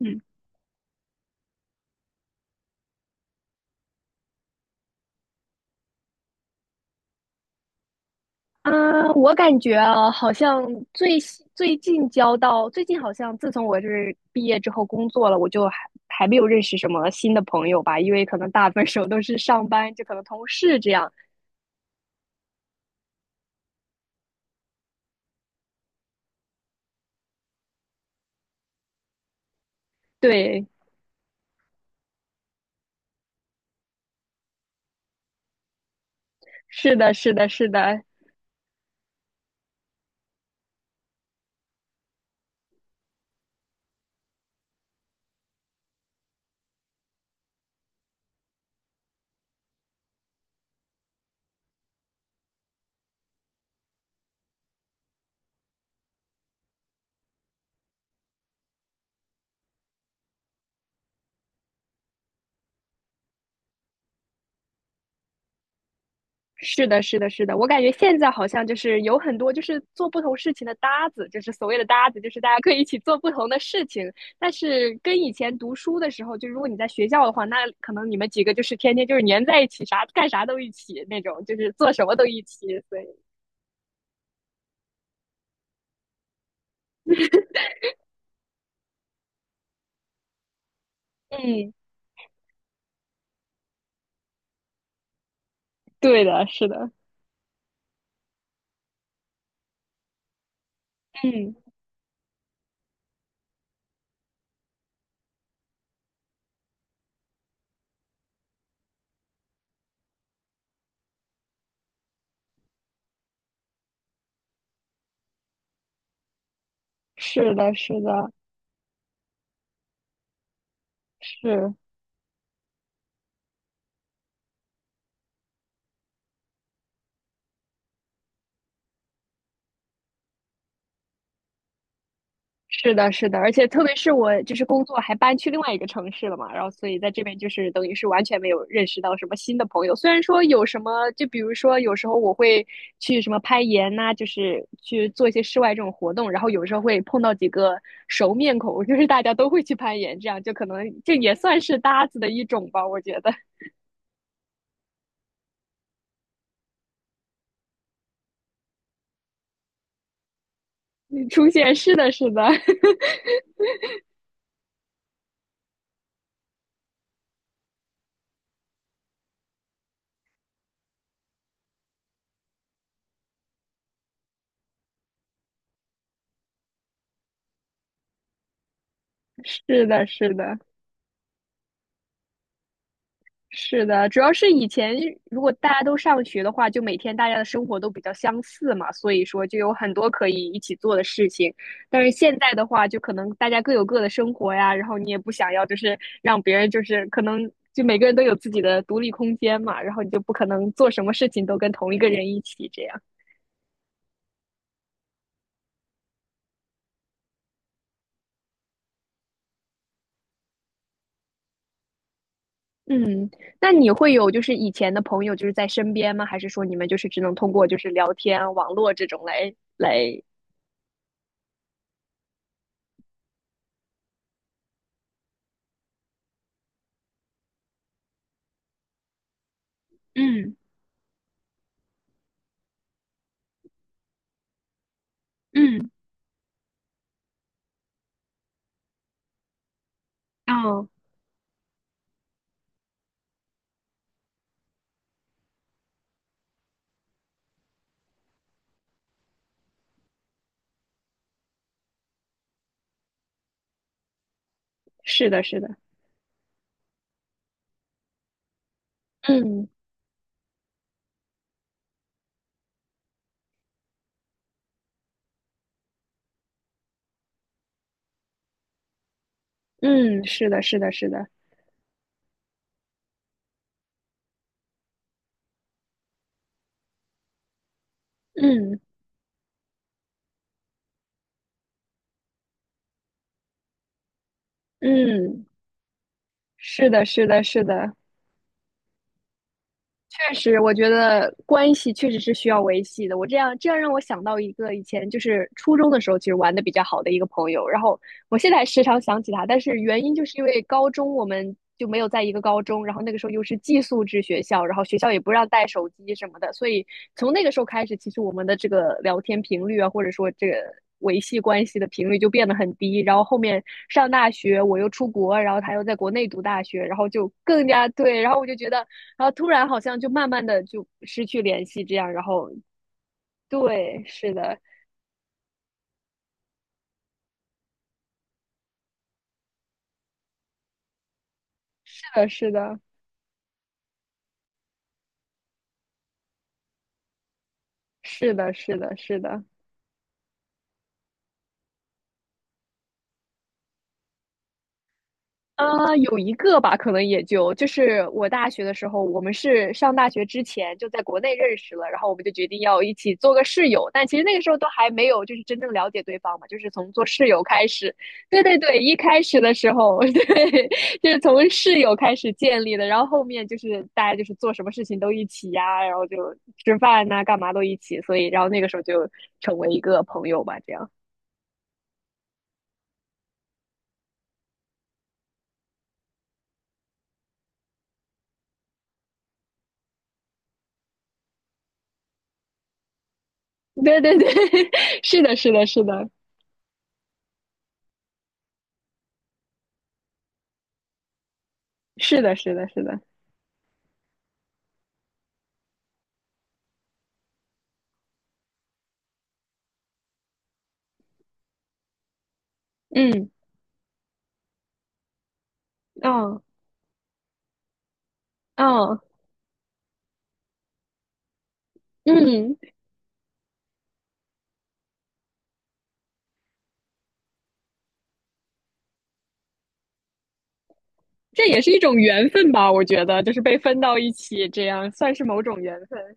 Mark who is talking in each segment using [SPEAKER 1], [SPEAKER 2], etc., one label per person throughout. [SPEAKER 1] 嗯啊，我感觉啊，好像最新最近交到最近好像自从我就是毕业之后工作了，我就还没有认识什么新的朋友吧，因为可能大部分时候都是上班，就可能同事这样。对，是的，是的，是的，是的，是的，是的，我感觉现在好像就是有很多就是做不同事情的搭子，就是所谓的搭子，就是大家可以一起做不同的事情。但是跟以前读书的时候，就如果你在学校的话，那可能你们几个就是天天就是黏在一起，啥干啥都一起那种，就是做什么都一起。所以，嗯，对的，是的，嗯，是的，是的，是。是的，是的，而且特别是我就是工作还搬去另外一个城市了嘛，然后所以在这边就是等于是完全没有认识到什么新的朋友。虽然说有什么，就比如说有时候我会去什么攀岩呐、就是去做一些室外这种活动，然后有时候会碰到几个熟面孔，就是大家都会去攀岩，这样就可能这也算是搭子的一种吧，我觉得。你出现，是的，是的，是的，是的。是的，主要是以前如果大家都上学的话，就每天大家的生活都比较相似嘛，所以说就有很多可以一起做的事情。但是现在的话，就可能大家各有各的生活呀，然后你也不想要就是让别人就是可能就每个人都有自己的独立空间嘛，然后你就不可能做什么事情都跟同一个人一起这样。嗯，那你会有就是以前的朋友就是在身边吗？还是说你们就是只能通过就是聊天啊、网络这种来？嗯嗯，哦，是的，是的。嗯嗯，是的，是的，是的，嗯嗯，是的，是的，是的，确实，我觉得关系确实是需要维系的。我这样让我想到一个以前就是初中的时候，其实玩的比较好的一个朋友，然后我现在还时常想起他，但是原因就是因为高中我们就没有在一个高中，然后那个时候又是寄宿制学校，然后学校也不让带手机什么的，所以从那个时候开始，其实我们的这个聊天频率啊，或者说这个维系关系的频率就变得很低。然后后面上大学，我又出国，然后他又在国内读大学，然后就更加对，然后我就觉得。然后突然好像就慢慢的就失去联系，这样，然后对，是的，是的，是的，是的，是的，是的，啊，有一个吧，可能也就就是我大学的时候，我们是上大学之前就在国内认识了，然后我们就决定要一起做个室友，但其实那个时候都还没有就是真正了解对方嘛，就是从做室友开始，对对对，一开始的时候，对，就是从室友开始建立的，然后后面就是大家就是做什么事情都一起呀，然后就吃饭呐、干嘛都一起，所以然后那个时候就成为一个朋友吧，这样，对对对，是的，是的，是的，是的，是的，是的，嗯。嗯嗯嗯，这也是一种缘分吧？我觉得，就是被分到一起，这样算是某种缘分。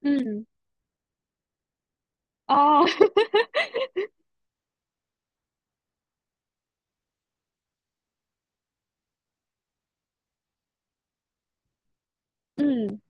[SPEAKER 1] 嗯，哦，嗯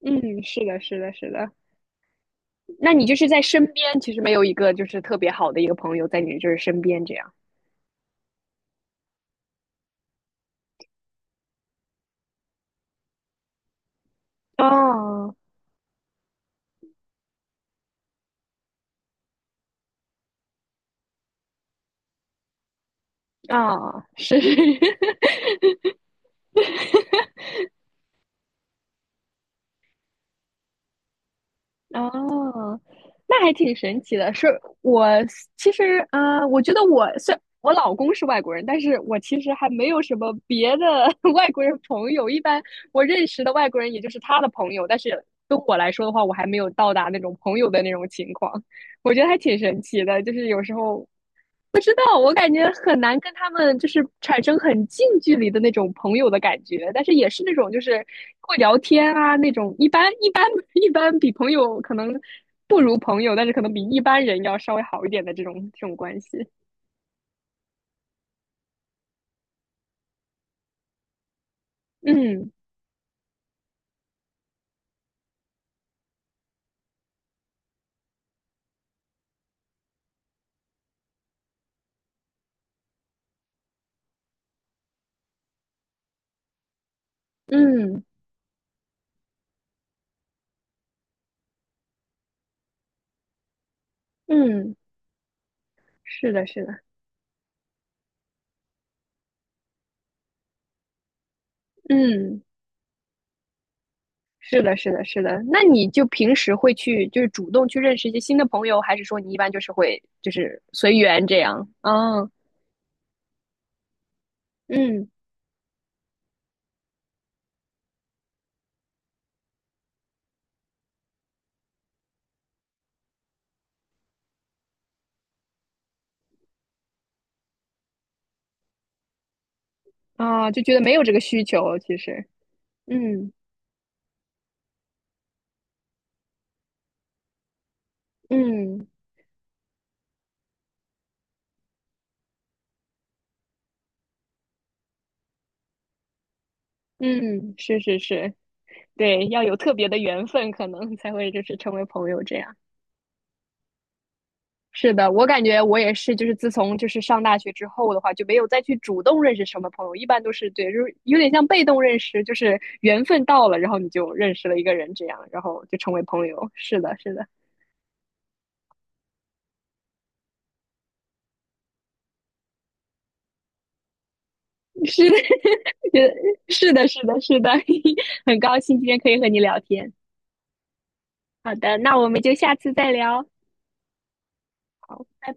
[SPEAKER 1] 嗯，是的，是的，是的。那你就是在身边，其实没有一个就是特别好的一个朋友在你就是身边这样。哦哦，是，哦，那还挺神奇的。是我其实，我觉得我老公是外国人，但是我其实还没有什么别的 外国人朋友。一般我认识的外国人也就是他的朋友，但是对我来说的话，我还没有到达那种朋友的那种情况。我觉得还挺神奇的，就是有时候不知道，我感觉很难跟他们就是产生很近距离的那种朋友的感觉，但是也是那种就是会聊天啊那种，一般比朋友可能不如朋友，但是可能比一般人要稍微好一点的这种这种关系。嗯嗯嗯，是的，是的，嗯，是的，是的，是的。那你就平时会去就是主动去认识一些新的朋友，还是说你一般就是会就是随缘这样？啊，嗯啊，就觉得没有这个需求，其实。嗯嗯嗯，是是是，对，要有特别的缘分，可能才会就是成为朋友这样。是的，我感觉我也是，就是自从就是上大学之后的话，就没有再去主动认识什么朋友，一般都是对，就是有点像被动认识，就是缘分到了，然后你就认识了一个人这样，然后就成为朋友。是的，是的，是的，也是的，是的，是的，很高兴今天可以和你聊天。好的，那我们就下次再聊。好，拜拜。